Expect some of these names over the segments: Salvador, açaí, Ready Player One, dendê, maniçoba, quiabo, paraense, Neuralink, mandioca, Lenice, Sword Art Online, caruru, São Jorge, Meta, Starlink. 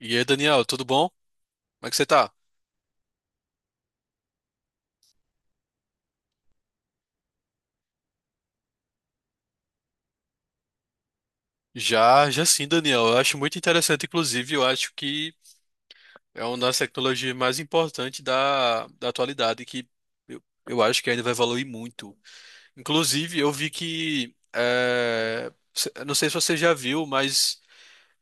E aí, Daniel, tudo bom? Como é que você tá? Já, já sim, Daniel. Eu acho muito interessante, inclusive, eu acho que é uma das tecnologias mais importantes da atualidade, que eu, eu acho que ainda vai evoluir muito. Inclusive, eu vi que, eu não sei se você já viu, mas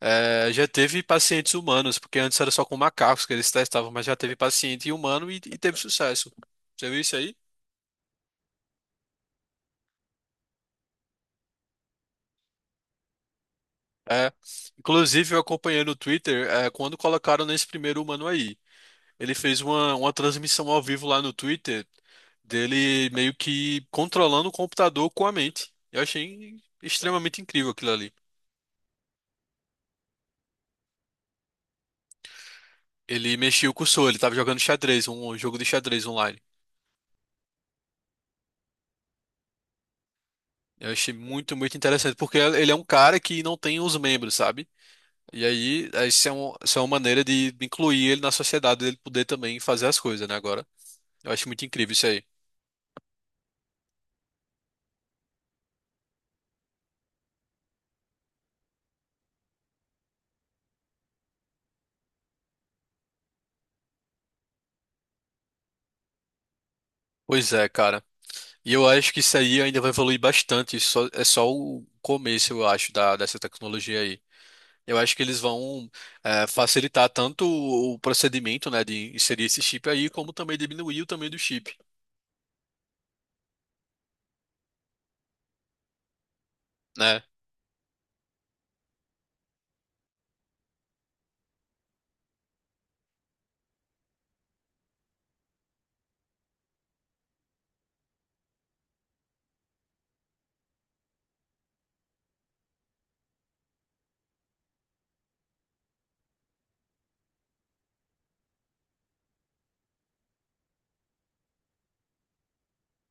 já teve pacientes humanos, porque antes era só com macacos que eles testavam, mas já teve paciente humano e teve sucesso. Você viu isso aí? É. Inclusive, eu acompanhei no Twitter, quando colocaram nesse primeiro humano aí. Ele fez uma transmissão ao vivo lá no Twitter dele meio que controlando o computador com a mente. Eu achei extremamente incrível aquilo ali. Ele mexia o cursor, ele estava jogando xadrez, um jogo de xadrez online. Eu achei muito interessante, porque ele é um cara que não tem os membros, sabe? E aí, essa é uma maneira de incluir ele na sociedade, ele poder também fazer as coisas, né, agora. Eu acho muito incrível isso aí. Pois é, cara. E eu acho que isso aí ainda vai evoluir bastante. É só o começo, eu acho, dessa tecnologia aí. Eu acho que eles vão facilitar tanto o procedimento, né, de inserir esse chip aí, como também diminuir o tamanho do chip, né?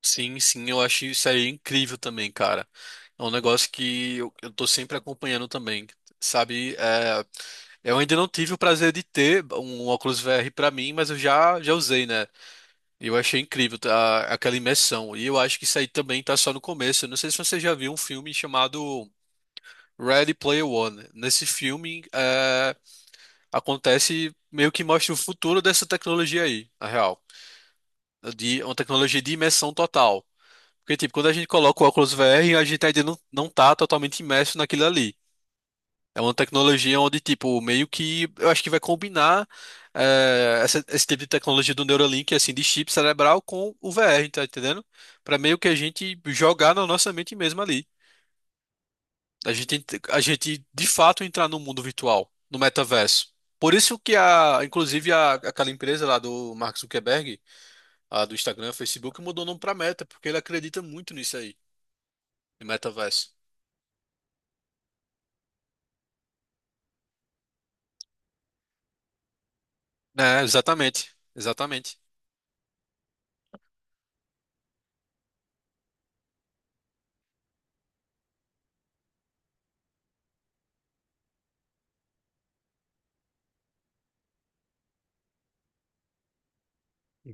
Sim, sim, eu acho isso aí incrível também, cara. É um negócio que eu tô sempre acompanhando também, sabe? Eu ainda não tive o prazer de ter um óculos VR pra mim, mas eu já usei, né? Eu achei incrível tá, aquela imersão. E eu acho que isso aí também tá só no começo. Eu não sei se você já viu um filme chamado Ready Player One. Acontece meio que mostra o futuro dessa tecnologia aí, na real. De uma tecnologia de imersão total. Porque, tipo, quando a gente coloca o óculos VR, a gente ainda não, não tá totalmente imerso naquilo ali. É uma tecnologia onde, tipo, meio que eu acho que vai combinar esse tipo de tecnologia do Neuralink, assim, de chip cerebral com o VR, tá entendendo? Pra meio que a gente jogar na nossa mente mesmo ali. A gente de fato entrar no mundo virtual, no metaverso. Por isso que aquela empresa lá do Mark Zuckerberg, a do Instagram, Facebook, mudou o nome pra Meta, porque ele acredita muito nisso aí, no metaverso. É, exatamente, exatamente.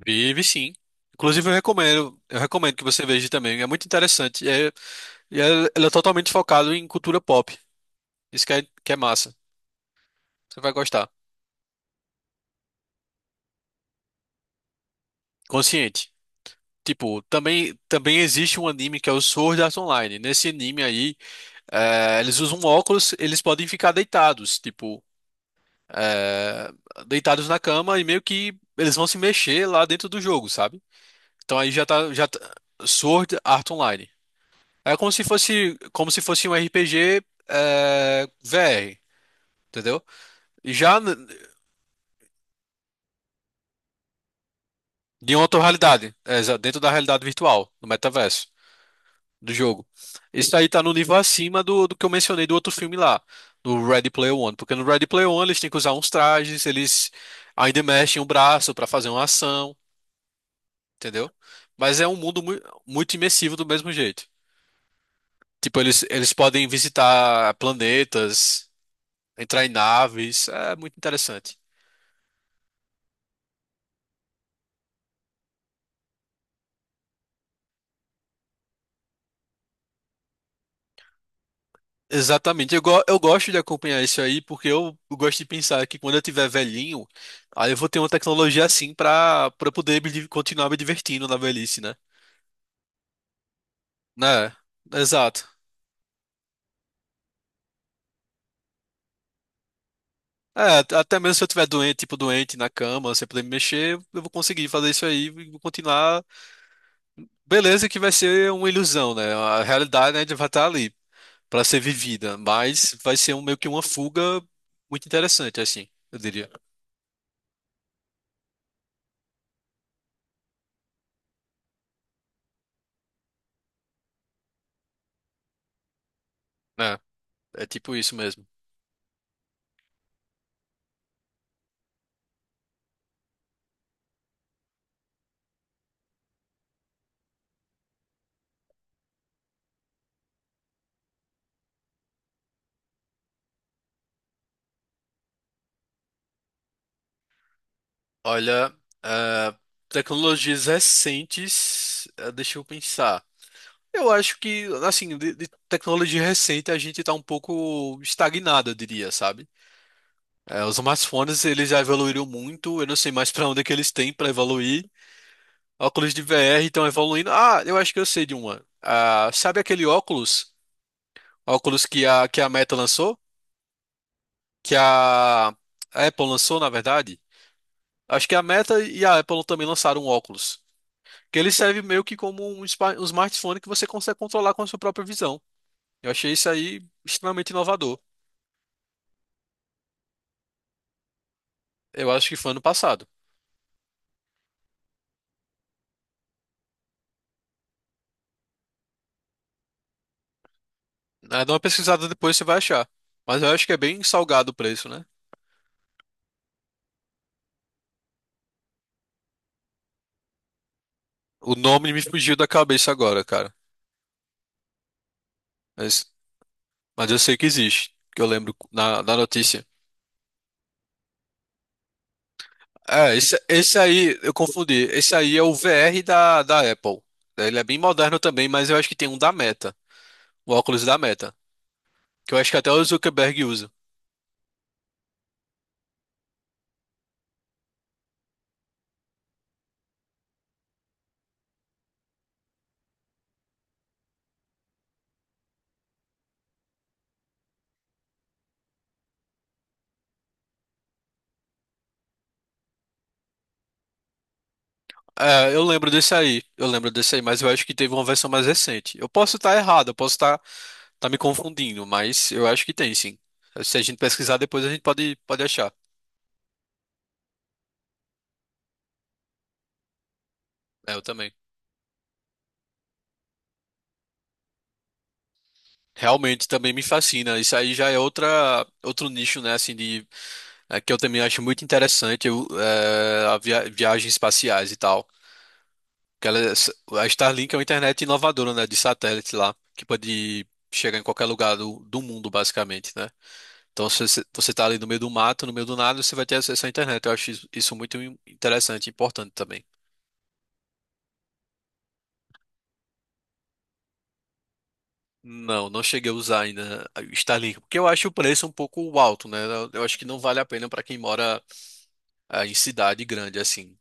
Vive sim. Inclusive, eu recomendo que você veja também. É muito interessante. Ela é totalmente focado em cultura pop. Isso que é massa. Você vai gostar. Consciente. Tipo, também existe um anime que é o Sword Art Online. Nesse anime aí, eles usam óculos, eles podem ficar deitados, tipo, é, deitados na cama e meio que eles vão se mexer lá dentro do jogo, sabe? Então aí já tá- Sword Art Online. Como se fosse um RPG VR, entendeu? E já n- de outra realidade, dentro da realidade virtual, do metaverso, do jogo. Isso aí tá no nível acima do que eu mencionei do outro filme lá, do Ready Player One. Porque no Ready Player One eles têm que usar uns trajes, eles ainda mexem o braço pra fazer uma ação, entendeu? Mas é um mundo mui- Muito imersivo do mesmo jeito. Tipo, eles podem visitar planetas, entrar em naves, é muito interessante. Exatamente. Eu gosto de acompanhar isso aí porque eu gosto de pensar que quando eu tiver velhinho, aí eu vou ter uma tecnologia assim pra para continuar me divertindo na velhice, né? Né? Exato. Até mesmo se eu tiver doente, tipo doente na cama, sem poder me mexer, eu vou conseguir fazer isso aí e vou continuar. Beleza que vai ser uma ilusão, né? A realidade, né, vai estar ali pra ser vivida, mas vai ser meio que uma fuga muito interessante, assim, eu diria. É, é tipo isso mesmo. Olha, ah, tecnologias recentes, ah, deixa eu pensar. Eu acho que, assim, de tecnologia recente a gente tá um pouco estagnado, eu diria, sabe? Os smartphones, eles já evoluíram muito, eu não sei mais pra onde é que eles têm pra evoluir. Óculos de VR estão evoluindo. Ah, eu acho que eu sei de uma. Ah, sabe aquele óculos? Óculos que a Meta lançou? Que a A Apple lançou, na verdade? Acho que a Meta e a Apple também lançaram um óculos. Que ele serve meio que como um smartphone que você consegue controlar com a sua própria visão. Eu achei isso aí extremamente inovador. Eu acho que foi ano passado. Ah, dá uma pesquisada depois, você vai achar. Mas eu acho que é bem salgado o preço, né? O nome me fugiu da cabeça agora, cara. Mas, mas eu sei que existe, que eu lembro da notícia. Esse aí, eu confundi. Esse aí é o VR da Apple. Ele é bem moderno também, mas eu acho que tem um da Meta. O óculos da Meta. Que eu acho que até o Zuckerberg usa. Eu lembro desse aí, mas eu acho que teve uma versão mais recente. Eu posso estar tá me confundindo, mas eu acho que tem sim. Se a gente pesquisar depois, a gente pode achar. É, eu também. Realmente também me fascina. Isso aí já é outra, outro nicho, né, assim, que eu também acho muito interessante, eu, é, a via- viagens espaciais e tal. Que ela, a Starlink é uma internet inovadora, né, de satélite lá, que pode chegar em qualquer lugar do mundo, basicamente, né? Então, se você tá ali no meio do mato, no meio do nada, você vai ter acesso à internet. Eu acho isso muito interessante e importante também. Não, não cheguei a usar ainda o Starlink, porque eu acho o preço um pouco alto, né? Eu acho que não vale a pena para quem mora em cidade grande assim.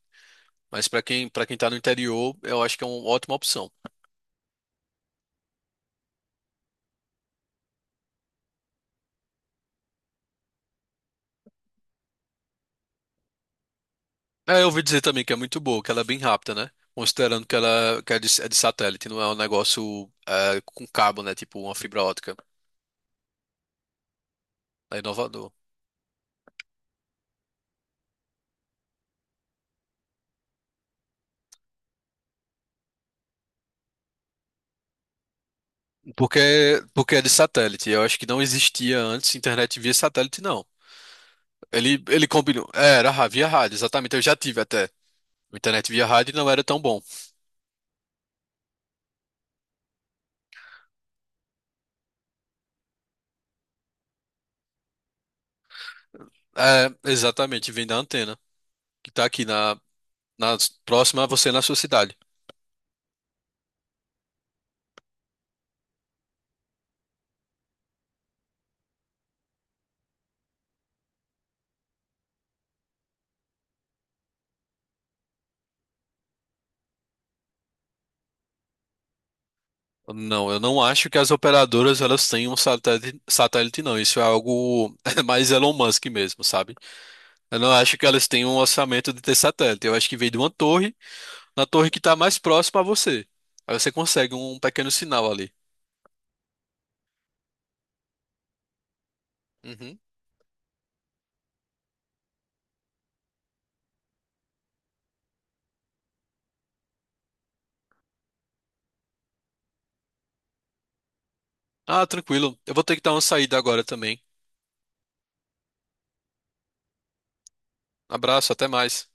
Mas para quem tá no interior, eu acho que é uma ótima opção. É, eu ouvi dizer também que é muito boa, que ela é bem rápida, né? Considerando que ela que é é de satélite, não é um negócio com cabo, né? Tipo uma fibra ótica. É inovador. Porque, porque é de satélite. Eu acho que não existia antes internet via satélite, não. Ele combinou. Via rádio, exatamente. Eu já tive até. Internet via rádio não era tão bom. É, exatamente, vem da antena, que tá na próxima a você na sua cidade. Não, eu não acho que as operadoras elas têm um satélite, não. Isso é algo mais Elon Musk mesmo, sabe? Eu não acho que elas tenham um orçamento de ter satélite. Eu acho que vem de uma torre, na torre que está mais próxima a você. Aí você consegue um pequeno sinal ali. Uhum. Ah, tranquilo. Eu vou ter que dar uma saída agora também. Abraço, até mais.